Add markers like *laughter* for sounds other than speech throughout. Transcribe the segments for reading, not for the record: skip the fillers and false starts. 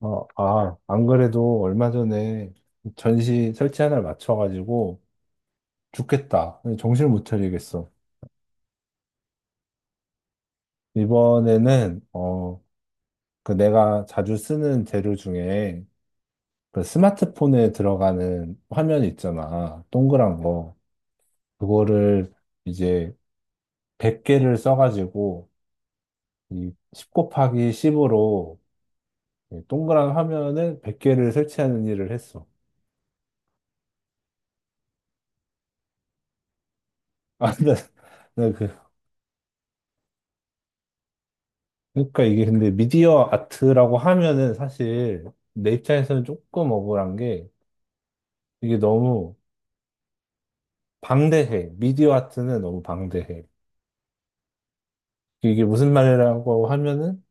안 그래도 얼마 전에 전시 설치 하나를 맞춰가지고 죽겠다. 정신을 못 차리겠어. 이번에는, 그 내가 자주 쓰는 재료 중에 그 스마트폰에 들어가는 화면 있잖아. 동그란 거. 그거를 이제 100개를 써가지고 이10 곱하기 10으로 동그란 화면을 100개를 설치하는 일을 했어. *laughs* 아, 나, 나그 그러니까 이게 근데 미디어 아트라고 하면은 사실 내 입장에서는 조금 억울한 게 이게 너무 방대해. 미디어 아트는 너무 방대해. 이게 무슨 말이라고 하면은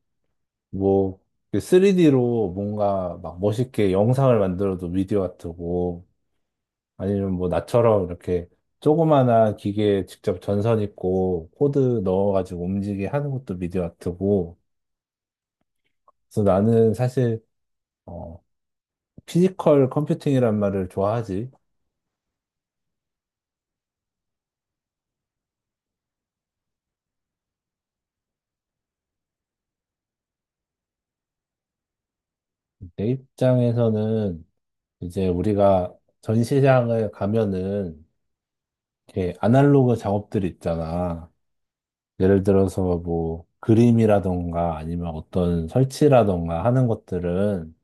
뭐 3D로 뭔가 막 멋있게 영상을 만들어도 미디어 아트고, 아니면 뭐 나처럼 이렇게 조그마한 기계에 직접 전선 있고 코드 넣어가지고 움직이게 하는 것도 미디어 아트고. 그래서 나는 사실 어, 피지컬 컴퓨팅이란 말을 좋아하지. 내 입장에서는 이제 우리가 전시장을 가면은 이렇게 아날로그 작업들 있잖아. 예를 들어서 뭐 그림이라던가 아니면 어떤 설치라던가 하는 것들은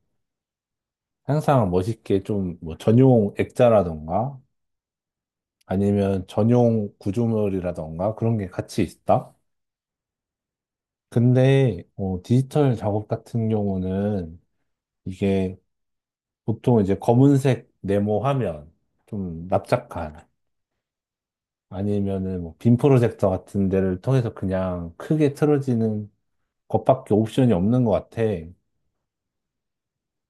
항상 멋있게 좀 뭐 전용 액자라던가 아니면 전용 구조물이라던가 그런 게 같이 있다. 근데 디지털 작업 같은 경우는 이게 보통 이제 검은색 네모 화면, 좀 납작한. 아니면은 뭐 빔 프로젝터 같은 데를 통해서 그냥 크게 틀어지는 것밖에 옵션이 없는 것 같아.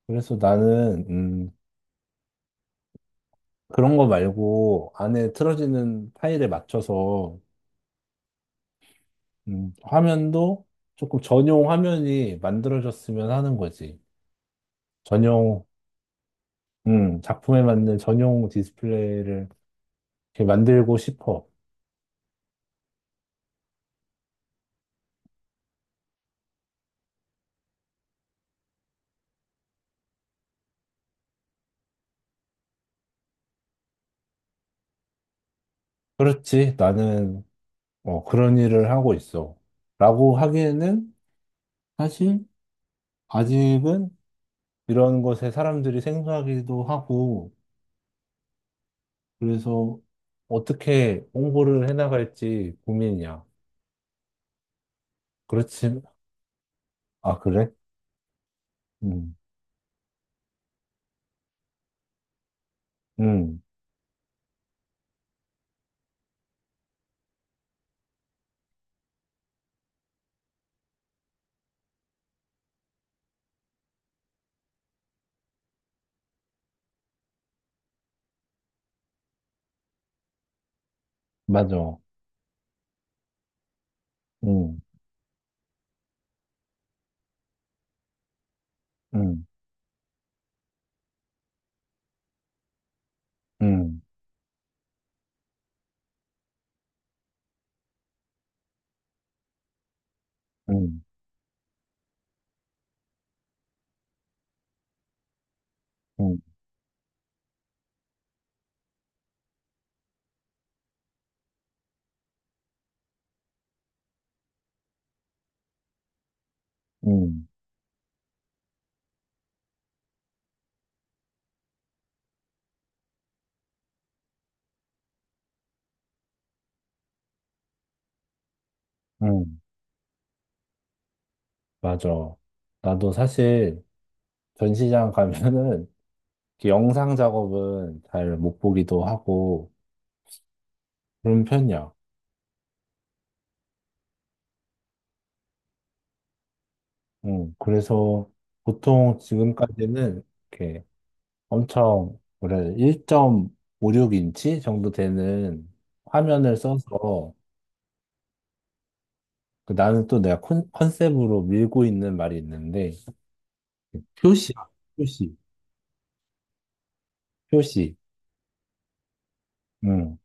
그래서 나는 그런 거 말고 안에 틀어지는 파일에 맞춰서 화면도 조금 전용 화면이 만들어졌으면 하는 거지. 전용, 작품에 맞는 전용 디스플레이를 이렇게 만들고 싶어. 그렇지. 나는 그런 일을 하고 있어. 라고 하기에는 사실 아직은 이런 것에 사람들이 생소하기도 하고, 그래서 어떻게 홍보를 해나갈지 고민이야. 그렇지. 아, 그래? 음. 음. 맞아. 음. 음. 음. 음. 음. 음. 음. 맞아. 나도 사실 전시장 가면은 이렇게 영상 작업은 잘 못 보기도 하고 그런 편이야. 그래서 보통 지금까지는 이렇게 엄청 그래 1.56인치 정도 되는 화면을 써서. 그 나는 또 내가 컨셉으로 밀고 있는 말이 있는데, 표시. 표시. 표시. 음.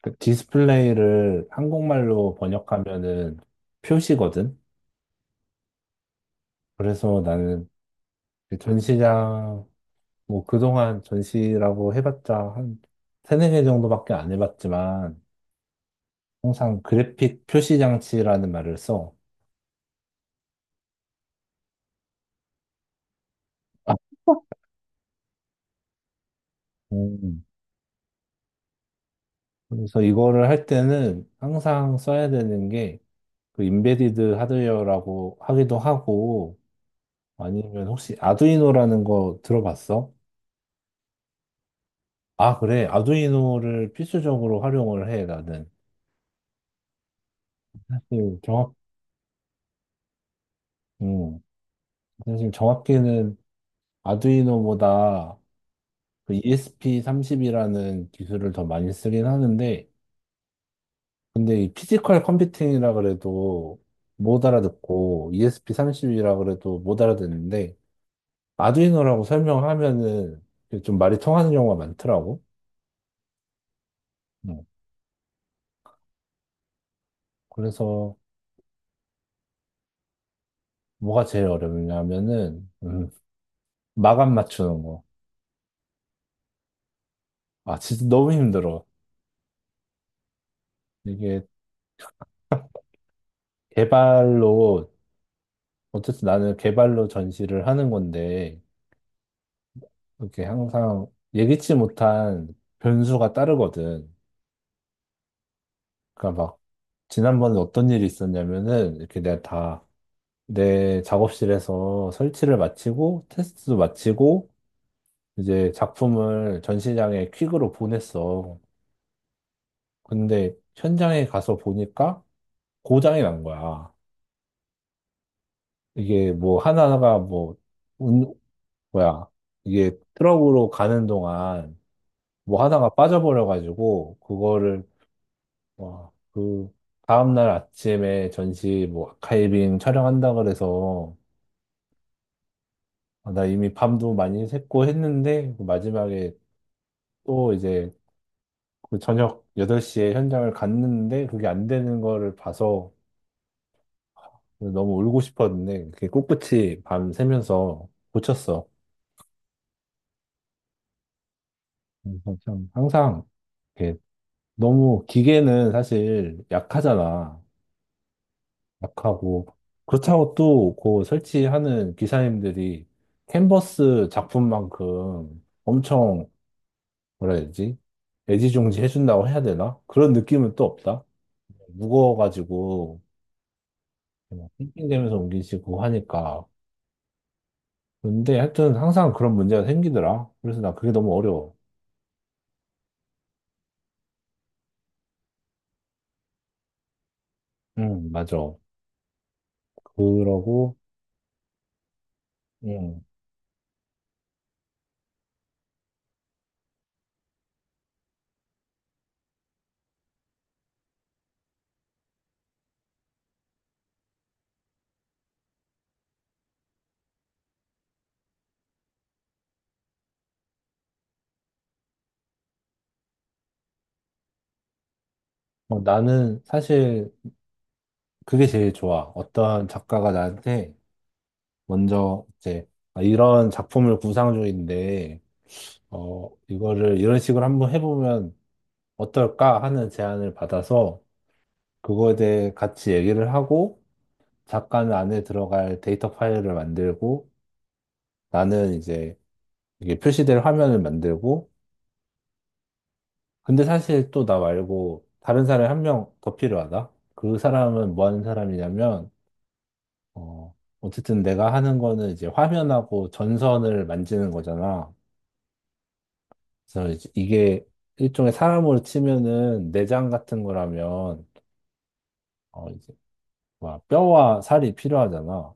그 디스플레이를 한국말로 번역하면은 표시거든. 그래서 나는, 그 전시장, 뭐 그동안 전시라고 해봤자 한 세네 개 정도밖에 안 해봤지만 항상 그래픽 표시 장치라는 말을 써. 음. 그래서 이거를 할 때는 항상 써야 되는 게 그 인베디드 하드웨어라고 하기도 하고, 아니면 혹시 아두이노라는 거 들어봤어? 아, 그래. 아두이노를 필수적으로 활용을 해, 나는. 사실 정확, 음, 사실 정확히는 아두이노보다 그 ESP30이라는 기술을 더 많이 쓰긴 하는데, 근데 이 피지컬 컴퓨팅이라 그래도 못 알아듣고, ESP30이라 그래도 못 알아듣는데, 아두이노라고 설명하면은 이게 좀 말이 통하는 경우가 많더라고. 음. 그래서 뭐가 제일 어렵냐면은 마감 맞추는 거. 아, 진짜 너무 힘들어. 이게 개발로, 어쨌든 나는 개발로 전시를 하는 건데 이렇게 항상 예기치 못한 변수가 따르거든. 그러니까 막 지난번에 어떤 일이 있었냐면은, 이렇게 내가 다 내 작업실에서 설치를 마치고 테스트도 마치고 이제 작품을 전시장에 퀵으로 보냈어. 근데 현장에 가서 보니까 고장이 난 거야. 이게 뭐 하나가, 뭐, 운, 뭐야. 이게 트럭으로 가는 동안 뭐 하나가 빠져버려가지고 그거를, 와, 다음날 아침에 전시 뭐 아카이빙 촬영한다 그래서. 아, 나 이미 밤도 많이 샜고 했는데 그 마지막에 또 이제 그 저녁 8시에 현장을 갔는데 그게 안 되는 거를 봐서 너무 울고 싶었는데 그게 꿋꿋이 밤 새면서 고쳤어. 그래서 참 항상 이렇게, 너무 기계는 사실 약하잖아. 약하고, 그렇다고 또 그 설치하는 기사님들이 캔버스 작품만큼 엄청, 뭐라 해야 되지? 애지중지 해준다고 해야 되나? 그런 느낌은 또 없다. 무거워가지고 막 낑낑대면서 옮기시고 하니까. 근데 하여튼 항상 그런 문제가 생기더라. 그래서 나 그게 너무 어려워. 응, 맞아. 그러고, 응. 나는 사실 그게 제일 좋아. 어떤 작가가 나한테 먼저 이제, 아, 이런 작품을 구상 중인데, 이거를 이런 식으로 한번 해보면 어떨까 하는 제안을 받아서 그거에 대해 같이 얘기를 하고, 작가는 안에 들어갈 데이터 파일을 만들고 나는 이제 이게 표시될 화면을 만들고. 근데 사실 또 나 말고 다른 사람이 한 명 더 필요하다. 그 사람은 뭐 하는 사람이냐면, 어, 어쨌든 내가 하는 거는 이제 화면하고 전선을 만지는 거잖아. 그래서 이제 이게 일종의 사람으로 치면은 내장 같은 거라면, 이제 뭐 뼈와 살이 필요하잖아.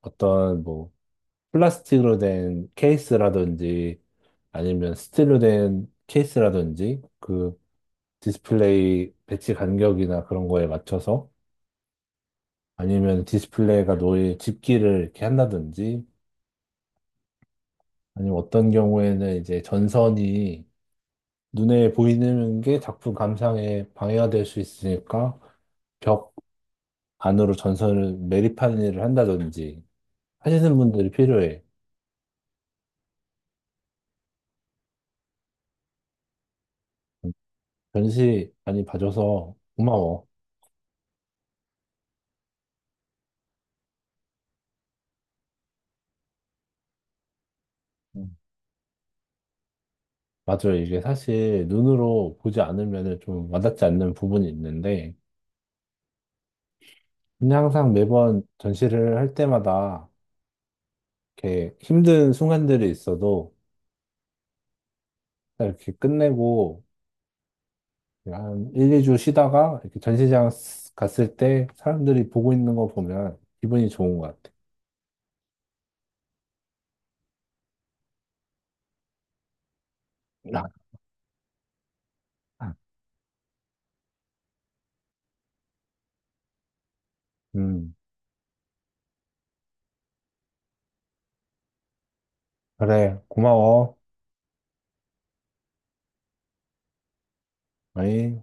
어떤 뭐 플라스틱으로 된 케이스라든지 아니면 스틸로 된 케이스라든지 그 디스플레이 배치 간격이나 그런 거에 맞춰서, 아니면 디스플레이가 노을 집기를 이렇게 한다든지, 아니면 어떤 경우에는 이제 전선이 눈에 보이는 게 작품 감상에 방해가 될 수 있으니까 벽 안으로 전선을 매립하는 일을 한다든지 하시는 분들이 필요해. 전시 많이 봐줘서 고마워. 음. 맞아요. 이게 사실 눈으로 보지 않으면 좀 와닿지 않는 부분이 있는데, 근데 항상 매번 전시를 할 때마다 이렇게 힘든 순간들이 있어도 이렇게 끝내고 한 1, 2주 쉬다가 이렇게 전시장 갔을 때 사람들이 보고 있는 거 보면 기분이 좋은 것 같아. 아, 음, 그래, 고마워. 아이.